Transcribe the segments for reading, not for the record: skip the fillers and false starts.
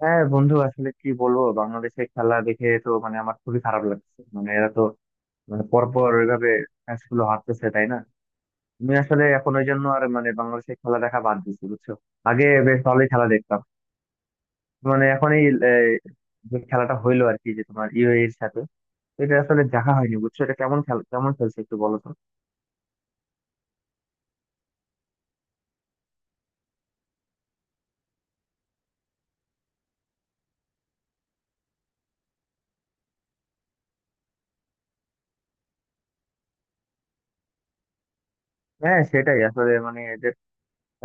হ্যাঁ বন্ধু, আসলে কি বলবো, বাংলাদেশের খেলা দেখে তো মানে আমার খুবই খারাপ লাগছে। মানে এরা তো মানে পরপর ওইভাবে ম্যাচ গুলো হারতেছে, তাই না? আমি আসলে এখন ওই জন্য আর মানে বাংলাদেশের খেলা দেখা বাদ দিচ্ছি, বুঝছো। আগে বেশ ভালোই খেলা দেখতাম। মানে এখন এই যে খেলাটা হইলো আর কি, যে তোমার ইউএই এর সাথে, এটা আসলে দেখা হয়নি, বুঝছো। এটা কেমন খেলা, কেমন খেলছে একটু বলো তো। হ্যাঁ সেটাই, আসলে মানে এদের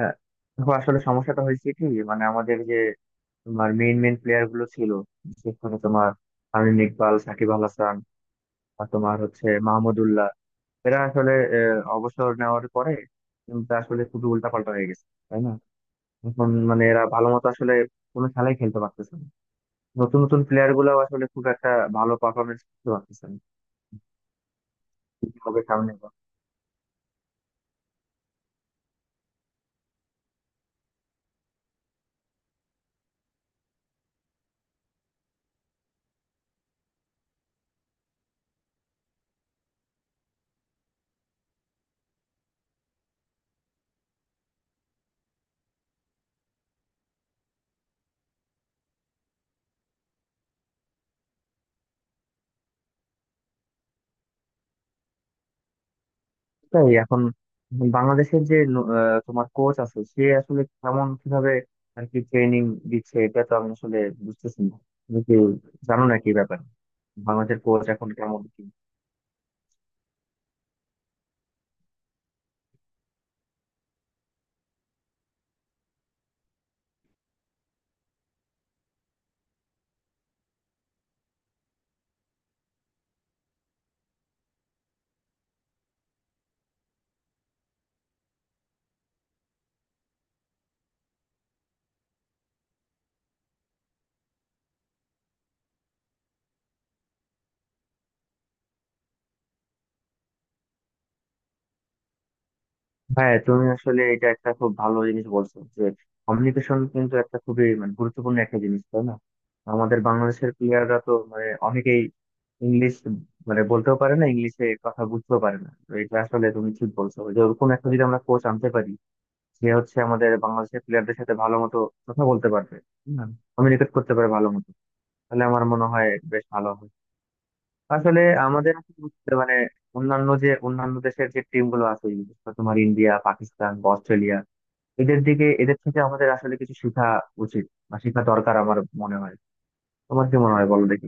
আহ, দেখো আসলে সমস্যাটা হয়েছে কি, মানে আমাদের যে তোমার মেইন মেইন প্লেয়ার গুলো ছিল, সেখানে তোমার তামিম ইকবাল, সাকিব আল হাসান, আর তোমার হচ্ছে মাহমুদউল্লাহ, এরা আসলে অবসর নেওয়ার পরে টিমটা আসলে খুবই উল্টাপাল্টা হয়ে গেছে, তাই না? এখন মানে এরা ভালো মতো আসলে কোনো খেলাই খেলতে পারতেছে না। নতুন নতুন প্লেয়ার গুলো আসলে খুব একটা ভালো পারফরমেন্স করতে পারতেছে না। কি হবে সামনে এবার। তাই এখন বাংলাদেশের যে তোমার কোচ আছে, সে আসলে কেমন, কিভাবে আর কি ট্রেনিং দিচ্ছে, এটা তো আমি আসলে বুঝতেছি না। তুমি কি জানো নাকি ব্যাপার, বাংলাদেশের কোচ এখন কেমন কি? হ্যাঁ, তুমি আসলে এটা একটা খুব ভালো জিনিস বলছো যে কমিউনিকেশন কিন্তু একটা খুবই মানে গুরুত্বপূর্ণ একটা জিনিস, তাই না? আমাদের বাংলাদেশের প্লেয়াররা তো মানে অনেকেই ইংলিশ মানে বলতেও পারে না, ইংলিশে কথা বুঝতেও পারে না। তো এটা আসলে তুমি ঠিক বলছো যে ওরকম একটা যদি আমরা কোচ আনতে পারি যে হচ্ছে আমাদের বাংলাদেশের প্লেয়ারদের সাথে ভালো মতো কথা বলতে পারবে, কমিউনিকেট করতে পারে ভালো মতো, তাহলে আমার মনে হয় বেশ ভালো হবে। আসলে আমাদের আসলে বুঝতে মানে অন্যান্য দেশের যে টিম গুলো আছে, বিশেষ করে তোমার ইন্ডিয়া, পাকিস্তান বা অস্ট্রেলিয়া, এদের দিকে, এদের থেকে আমাদের আসলে কিছু শেখা উচিত বা শেখা দরকার আমার মনে হয়। তোমার কি মনে হয় বলো দেখি।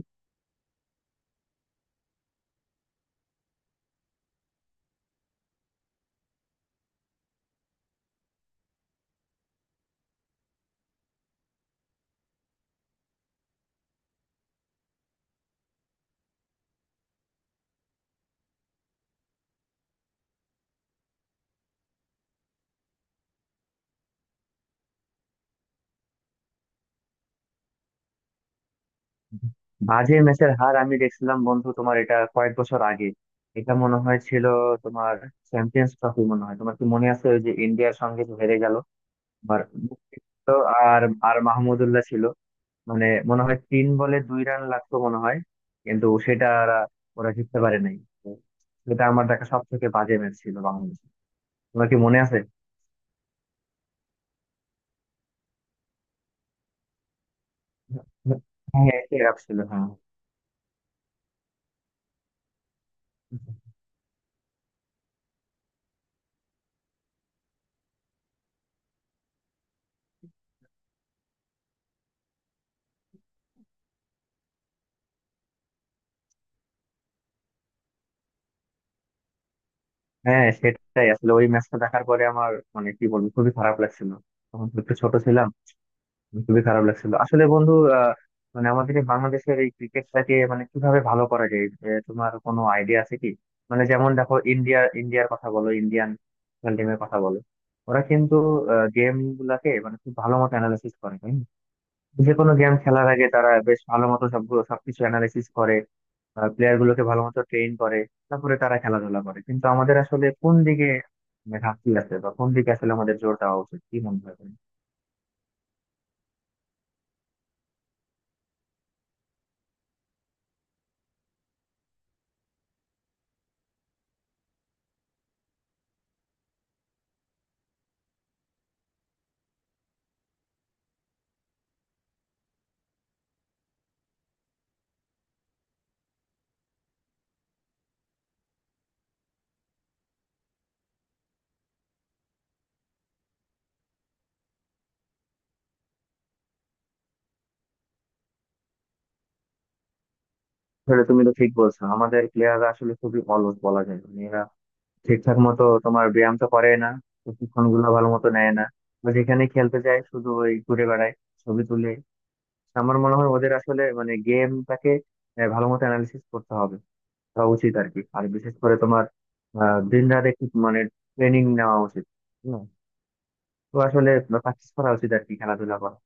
বাজে ম্যাচের হার আমি দেখছিলাম বন্ধু, তোমার এটা কয়েক বছর আগে, এটা মনে হয় ছিল তোমার চ্যাম্পিয়ন্স ট্রফি মনে হয়, তোমার কি মনে আছে ওই যে ইন্ডিয়ার সঙ্গে যে হেরে গেল। আর মুশফিক ছিল, আর আর মাহমুদুল্লাহ ছিল। মানে মনে হয় তিন বলে দুই রান লাগতো মনে হয়, কিন্তু সেটা ওরা ওরা জিততে পারে নাই। তো সেটা আমার দেখা সব থেকে বাজে ম্যাচ ছিল বাংলাদেশে। তোমার কি মনে আছে? হ্যাঁ, খারাপ ছিল, হ্যাঁ। হ্যাঁ সেটাই, আসলে ওই ম্যাচটা দেখার পরে আমার মানে কি বলবো, খুবই খারাপ লাগছিল। তখন তো একটু ছোট ছিলাম, খুবই খারাপ লাগছিল আসলে বন্ধু। আহ, মানে আমাদের এই বাংলাদেশের এই ক্রিকেটটাকে মানে কিভাবে ভালো করা যায়, তোমার কোনো আইডিয়া আছে কি? মানে যেমন দেখো, ইন্ডিয়ার কথা বলো, ইন্ডিয়ান ন্যাশনাল টিমের কথা বলো, ওরা কিন্তু গেম গুলাকে মানে খুব ভালো মতো অ্যানালাইসিস করে, তাই না? যে কোনো গেম খেলার আগে তারা বেশ ভালো মতো সবগুলো সবকিছু অ্যানালাইসিস করে, প্লেয়ার গুলোকে ভালো মতো ট্রেন করে, তারপরে তারা খেলাধুলা করে। কিন্তু আমাদের আসলে কোন দিকে মানে ঘাটতি আছে বা কোন দিকে আসলে আমাদের জোর দেওয়া উচিত, কি মনে হয় তোমার? আসলে তুমি তো ঠিক বলছো, আমাদের প্লেয়াররা আসলে খুবই অলস বলা যায়। মানে এরা ঠিকঠাক মতো তোমার ব্যায়াম তো করে না, প্রশিক্ষণ গুলো ভালো মতো নেয় না, বা যেখানে খেলতে যায় শুধু ওই ঘুরে বেড়ায়, ছবি তুলে। আমার মনে হয় ওদের আসলে মানে গেমটাকে ভালো মতো অ্যানালিসিস করতে হবে, তা উচিত আর কি। আর বিশেষ করে তোমার দিন রাত একটু মানে ট্রেনিং নেওয়া উচিত, হ্যাঁ। তো আসলে প্র্যাকটিস করা উচিত আর কি, খেলাধুলা করা।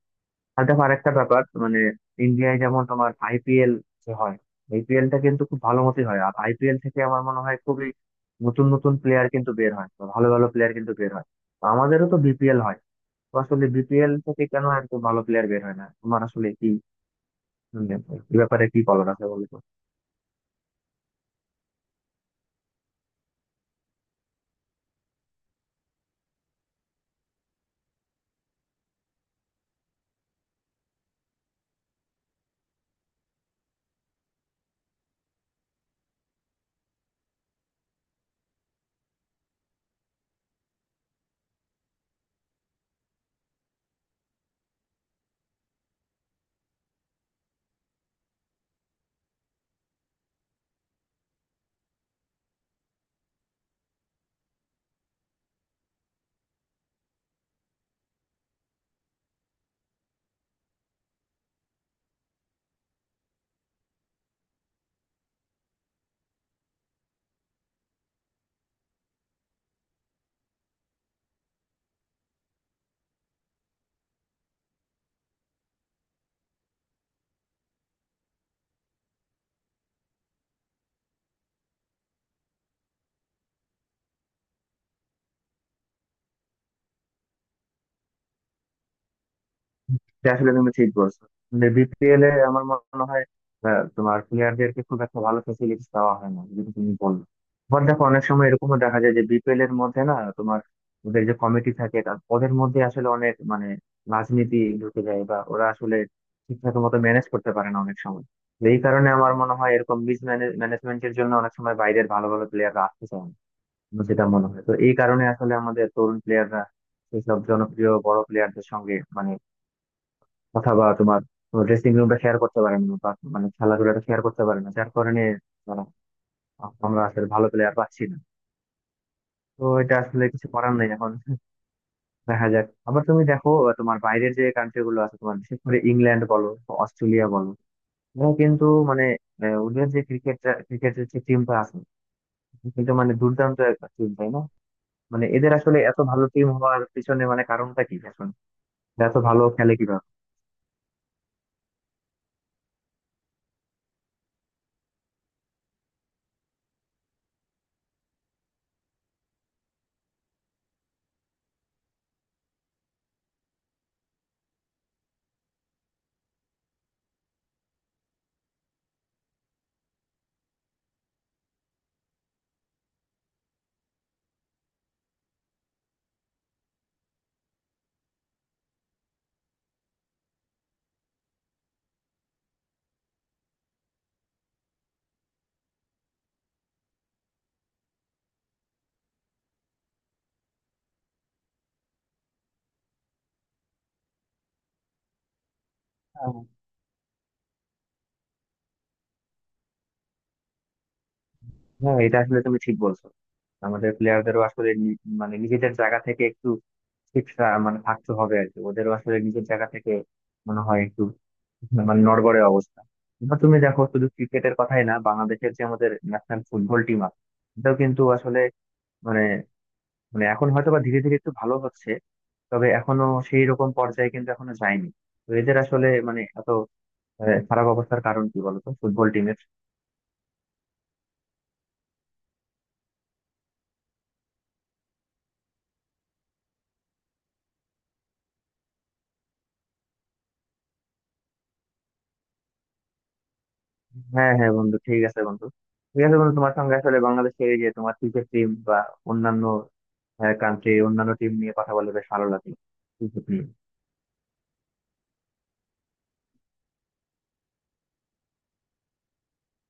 আর দেখো আরেকটা ব্যাপার মানে ইন্ডিয়ায় যেমন তোমার আইপিএল যে হয়, আইপিএলটা কিন্তু খুব ভালো মতোই হয়, আর আইপিএল থেকে আমার মনে হয় খুবই নতুন নতুন প্লেয়ার কিন্তু বের হয় বা ভালো ভালো প্লেয়ার কিন্তু বের হয়। তো আমাদেরও তো বিপিএল হয়, তো আসলে বিপিএল থেকে কেন এত ভালো প্লেয়ার বের হয় না, তোমার আসলে কি মানে এই ব্যাপারে কি বলার আছে বলো তো? এটা আসলে তুমি ঠিক বলছো। বিপিএল এ আমার মনে হয় তোমার প্লেয়ারদেরকে খুব একটা ভালো ফেসিলিটি দেওয়া হয় না, যেটা তুমি বললে। আবার দেখো অনেক সময় এরকমও দেখা যায় যে বিপিএল এর মধ্যে না তোমার ওদের যে কমিটি থাকে ওদের মধ্যে আসলে অনেক মানে রাজনীতি ঢুকে যায়, বা ওরা আসলে ঠিকঠাক মতো ম্যানেজ করতে পারে না অনেক সময়। তো এই কারণে আমার মনে হয় এরকম মিস ম্যানেজমেন্টের জন্য অনেক সময় বাইরের ভালো ভালো প্লেয়াররা আসতে চায় না, আমার যেটা মনে হয়। তো এই কারণে আসলে আমাদের তরুণ প্লেয়াররা এইসব জনপ্রিয় বড় প্লেয়ারদের সঙ্গে মানে অথবা তোমার ড্রেসিং রুমটা শেয়ার করতে পারে না, বা মানে খেলাধুলাটা শেয়ার করতে পারে না, যার কারণে ধরো আমরা আসলে ভালো প্লেয়ার পাচ্ছি না। তো এটা আসলে কিছু করার নেই এখন, দেখা যাক। আবার তুমি দেখো তোমার বাইরের যে কান্ট্রি গুলো আছে, তোমার বিশেষ করে ইংল্যান্ড বলো বা অস্ট্রেলিয়া বলো, ওরা কিন্তু মানে ওদের যে ক্রিকেটের যে টিমটা আছে কিন্তু মানে দুর্দান্ত একটা টিম, তাই না? মানে এদের আসলে এত ভালো টিম হওয়ার পিছনে মানে কারণটা কি এখন, এরা এত ভালো খেলে কিভাবে? হ্যাঁ এটা আসলে তুমি ঠিক বলছো। আমাদের প্লেয়ারদেরও আসলে মানে নিজেদের জায়গা থেকে একটু মানে থাকতে হবে আর কি। ওদেরও আসলে নিজের জায়গা থেকে মনে হয় একটু মানে নড়বড়ে অবস্থা। এবার তুমি দেখো শুধু ক্রিকেটের কথাই না, বাংলাদেশের যে আমাদের ন্যাশনাল ফুটবল টিম আছে, এটাও কিন্তু আসলে মানে, মানে এখন হয়তো বা ধীরে ধীরে একটু ভালো হচ্ছে, তবে এখনো সেই রকম পর্যায়ে কিন্তু এখনো যায়নি। তো এদের আসলে মানে এত খারাপ অবস্থার কারণ কি বলতো ফুটবল টিমের? হ্যাঁ হ্যাঁ বন্ধু, ঠিক আছে বন্ধু। ঠিক আছে বন্ধু, তোমার সঙ্গে আসলে বাংলাদেশের এই যে তোমার ক্রিকেট টিম বা অন্যান্য কান্ট্রি, অন্যান্য টিম নিয়ে কথা বলে বেশ ভালো লাগলো।